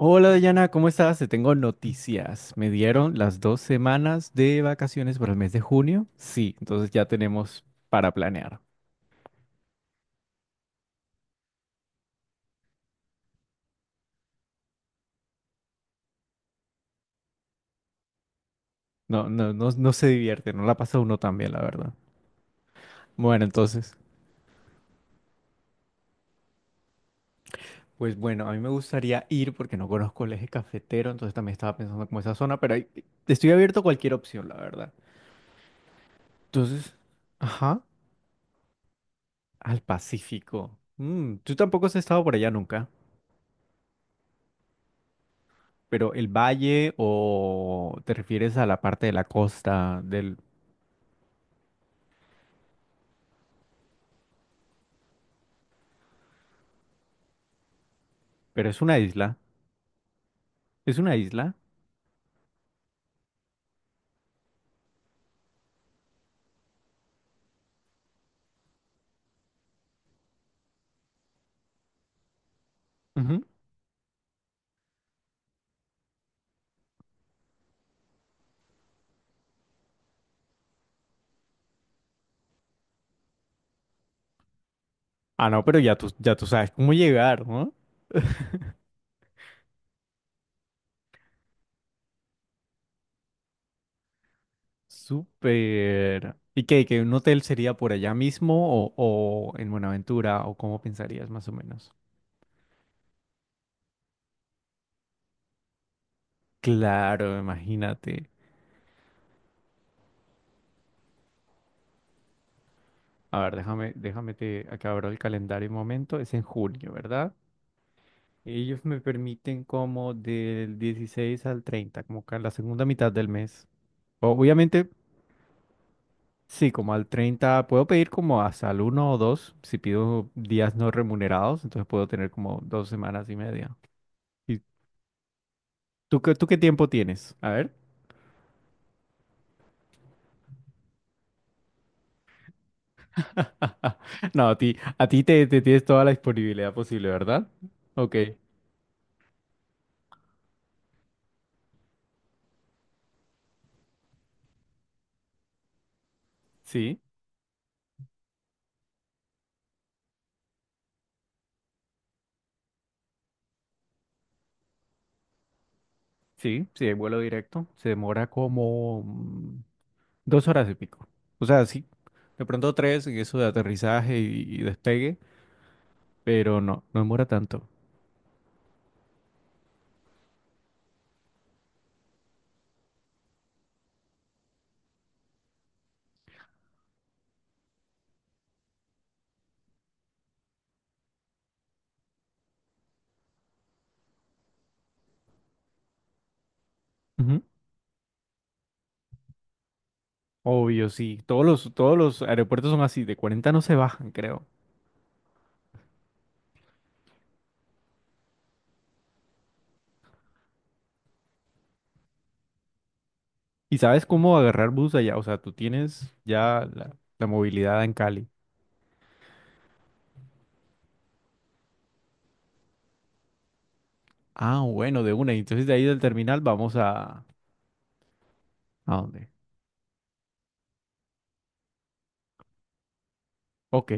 Hola Dayana, ¿cómo estás? Te tengo noticias. Me dieron las dos semanas de vacaciones para el mes de junio. Sí, entonces ya tenemos para planear. No, no, no, no se divierte, no la pasa uno tan bien, la verdad. Bueno, entonces, pues bueno, a mí me gustaría ir porque no conozco el eje cafetero, entonces también estaba pensando como esa zona, pero estoy abierto a cualquier opción, la verdad. Entonces, ajá, al Pacífico. Mm, tú tampoco has estado por allá nunca. Pero el valle o te refieres a la parte de la costa del... Pero es una isla. Es una isla. Ujú. Ah, no, pero ya tú sabes cómo llegar, ¿no? Súper. ¿Y qué? ¿Que un hotel sería por allá mismo o en Buenaventura o cómo pensarías más o menos? Claro, imagínate. A ver, déjame te acabar el calendario un momento. Es en junio, ¿verdad? Ellos me permiten como del 16 al 30, como que a la segunda mitad del mes. Obviamente sí, como al 30 puedo pedir como hasta el uno o dos si pido días no remunerados, entonces puedo tener como dos semanas y media. ¿Y tú qué tiempo tienes? A ver. No, a ti te tienes toda la disponibilidad posible, ¿verdad? Ok, sí, sí, sí, hay vuelo directo. Se demora como dos horas y pico. O sea, sí, de pronto tres en eso de aterrizaje y despegue, pero no, no demora tanto. Obvio, sí. Todos los aeropuertos son así, de 40 no se bajan, creo. ¿Y sabes cómo agarrar bus allá? O sea, tú tienes ya la movilidad en Cali. Ah, bueno, de una. Y entonces de ahí del terminal vamos a... ¿A dónde? Ok,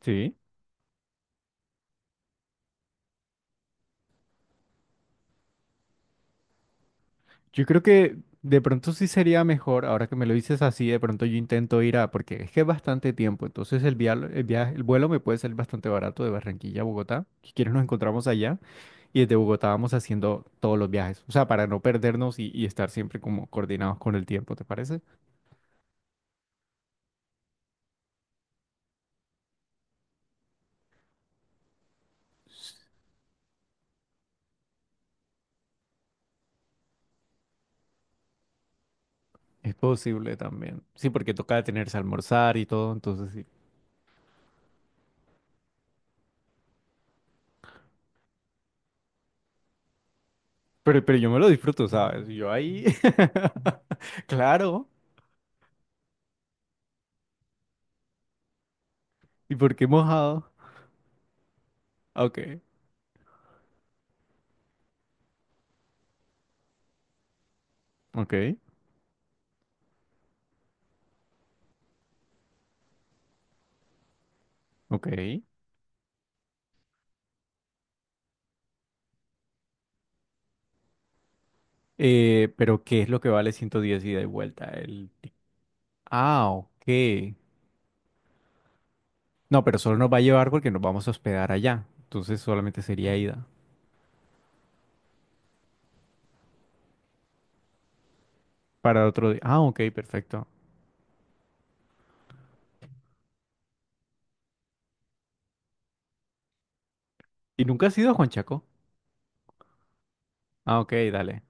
sí. Yo creo que de pronto sí sería mejor, ahora que me lo dices así, de pronto yo intento ir a... Porque es que es bastante tiempo, entonces el viaje, el vuelo me puede salir bastante barato de Barranquilla a Bogotá. Si quieres nos encontramos allá. Y desde Bogotá vamos haciendo todos los viajes, o sea, para no perdernos y estar siempre como coordinados con el tiempo, ¿te parece? Es posible también. Sí, porque toca detenerse a almorzar y todo, entonces sí. Pero yo me lo disfruto, ¿sabes? Yo ahí. Claro. ¿Y por qué mojado? Ok, ok, ok. Pero ¿qué es lo que vale 110 ida y vuelta? Ah, ok. No, pero solo nos va a llevar porque nos vamos a hospedar allá. Entonces solamente sería ida. Para otro día. Ah, ok, perfecto. ¿Y nunca has ido a Juanchaco? Ah, ok, dale.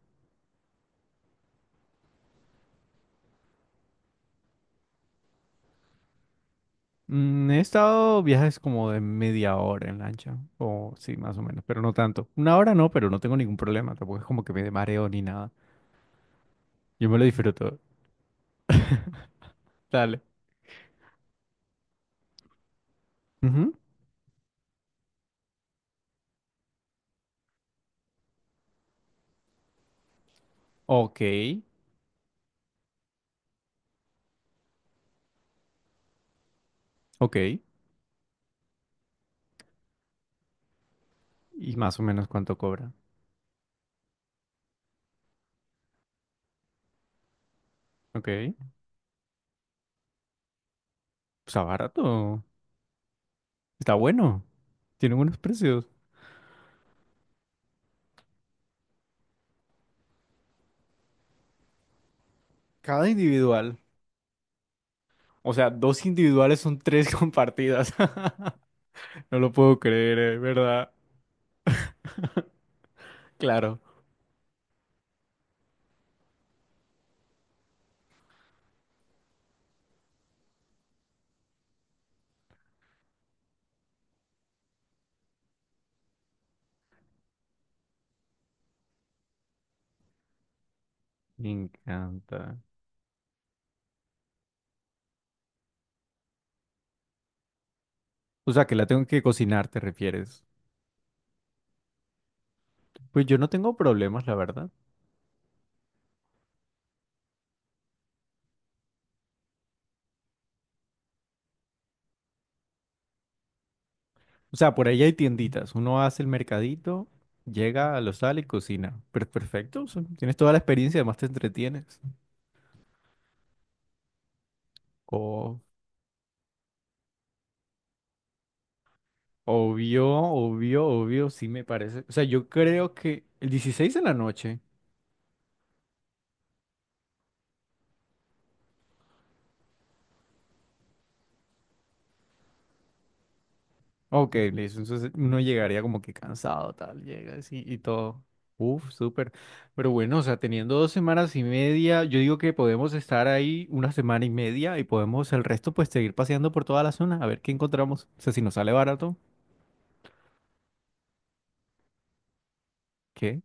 Mm, he estado viajes como de media hora en lancha, o sí, más o menos, pero no tanto. Una hora no, pero no tengo ningún problema, tampoco es como que me dé mareo ni nada. Yo me lo disfruto. Dale. Ujú. Ok, ok. ¿Y más o menos cuánto cobra? Ok. Está barato. Está bueno. Tiene buenos precios. Cada individual. O sea, dos individuales son tres compartidas. No lo puedo creer, ¿eh? ¿Verdad? Claro. Me encanta. O sea, ¿que la tengo que cocinar, te refieres? Pues yo no tengo problemas, la verdad. O sea, por ahí hay tienditas. Uno hace el mercadito, llega, lo sale y cocina. Pero perfecto, o sea, tienes toda la experiencia, además te entretienes. O- Obvio, obvio, obvio, sí me parece. O sea, yo creo que el 16 de la noche. Ok, listo. Entonces uno llegaría como que cansado, tal, llegas y todo. Uf, súper. Pero bueno, o sea, teniendo dos semanas y media, yo digo que podemos estar ahí una semana y media y podemos el resto pues seguir paseando por toda la zona, a ver qué encontramos. O sea, si nos sale barato, ¿qué?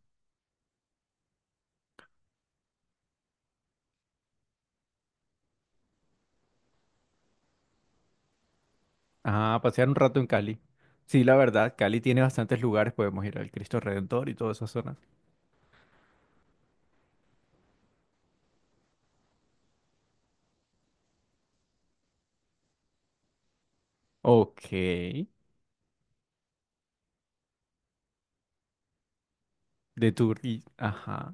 Ah, pasear un rato en Cali. Sí, la verdad, Cali tiene bastantes lugares, podemos ir al Cristo Redentor y todas esas zonas. Ok, de Turquía, ajá.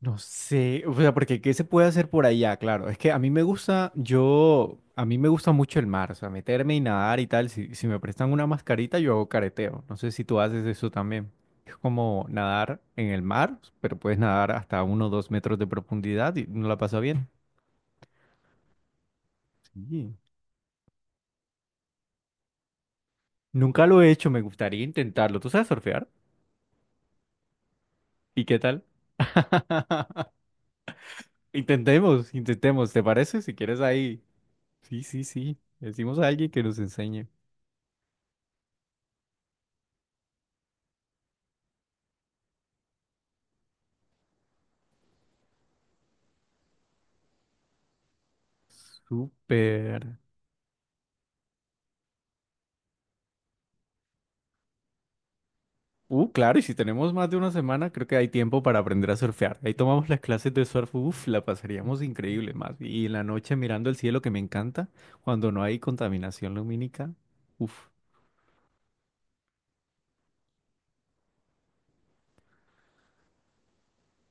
No sé, o sea, porque ¿qué se puede hacer por allá? Claro, es que a mí me gusta, yo, a mí me gusta mucho el mar, o sea, meterme y nadar y tal. Si, si me prestan una mascarita, yo hago careteo. No sé si tú haces eso también. Es como nadar en el mar, pero puedes nadar hasta uno o dos metros de profundidad y no la pasa bien. Sí. Nunca lo he hecho, me gustaría intentarlo. ¿Tú sabes surfear? ¿Y qué tal? Intentemos, intentemos, ¿te parece? Si quieres ahí. Sí, sí, sí. Decimos a alguien que nos enseñe. Súper. Claro, y si tenemos más de una semana, creo que hay tiempo para aprender a surfear. Ahí tomamos las clases de surf, uf, la pasaríamos increíble más. Y en la noche mirando el cielo, que me encanta, cuando no hay contaminación lumínica, uf.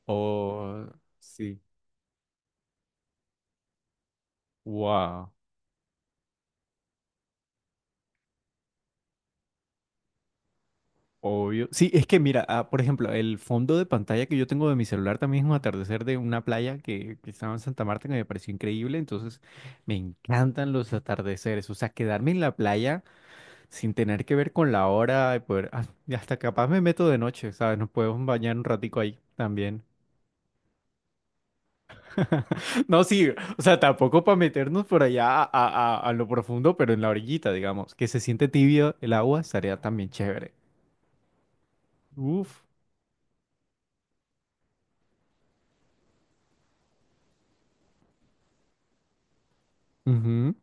Oh, sí. Wow. Obvio. Sí, es que mira, ah, por ejemplo, el fondo de pantalla que yo tengo de mi celular también es un atardecer de una playa que estaba en Santa Marta que me pareció increíble. Entonces, me encantan los atardeceres. O sea, quedarme en la playa sin tener que ver con la hora, y poder, ah, y hasta capaz me meto de noche, ¿sabes? Nos podemos bañar un ratico ahí también. No, sí, o sea, tampoco para meternos por allá a lo profundo, pero en la orillita, digamos, que se siente tibio el agua, estaría también chévere. Uf. Ujú.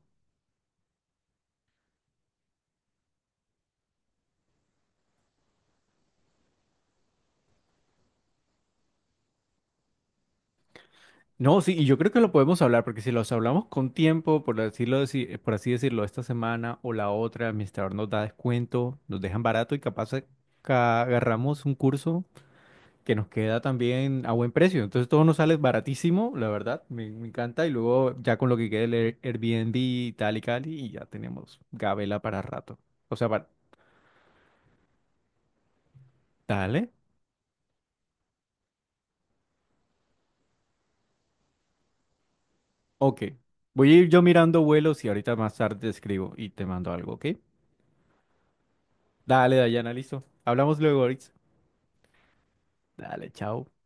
No, sí, y yo creo que lo podemos hablar, porque si los hablamos con tiempo, por decirlo, por así decirlo, esta semana o la otra, el administrador nos da descuento, nos dejan barato y capaz agarramos un curso que nos queda también a buen precio. Entonces todo nos sale baratísimo, la verdad, me encanta. Y luego ya con lo que quede el Airbnb y tal y tal, y ya tenemos gabela para rato. O sea, para... Dale. Ok. Voy a ir yo mirando vuelos y ahorita más tarde te escribo y te mando algo, ¿ok? Dale, Dayana, listo. Hablamos luego, Oritz. Dale, chao.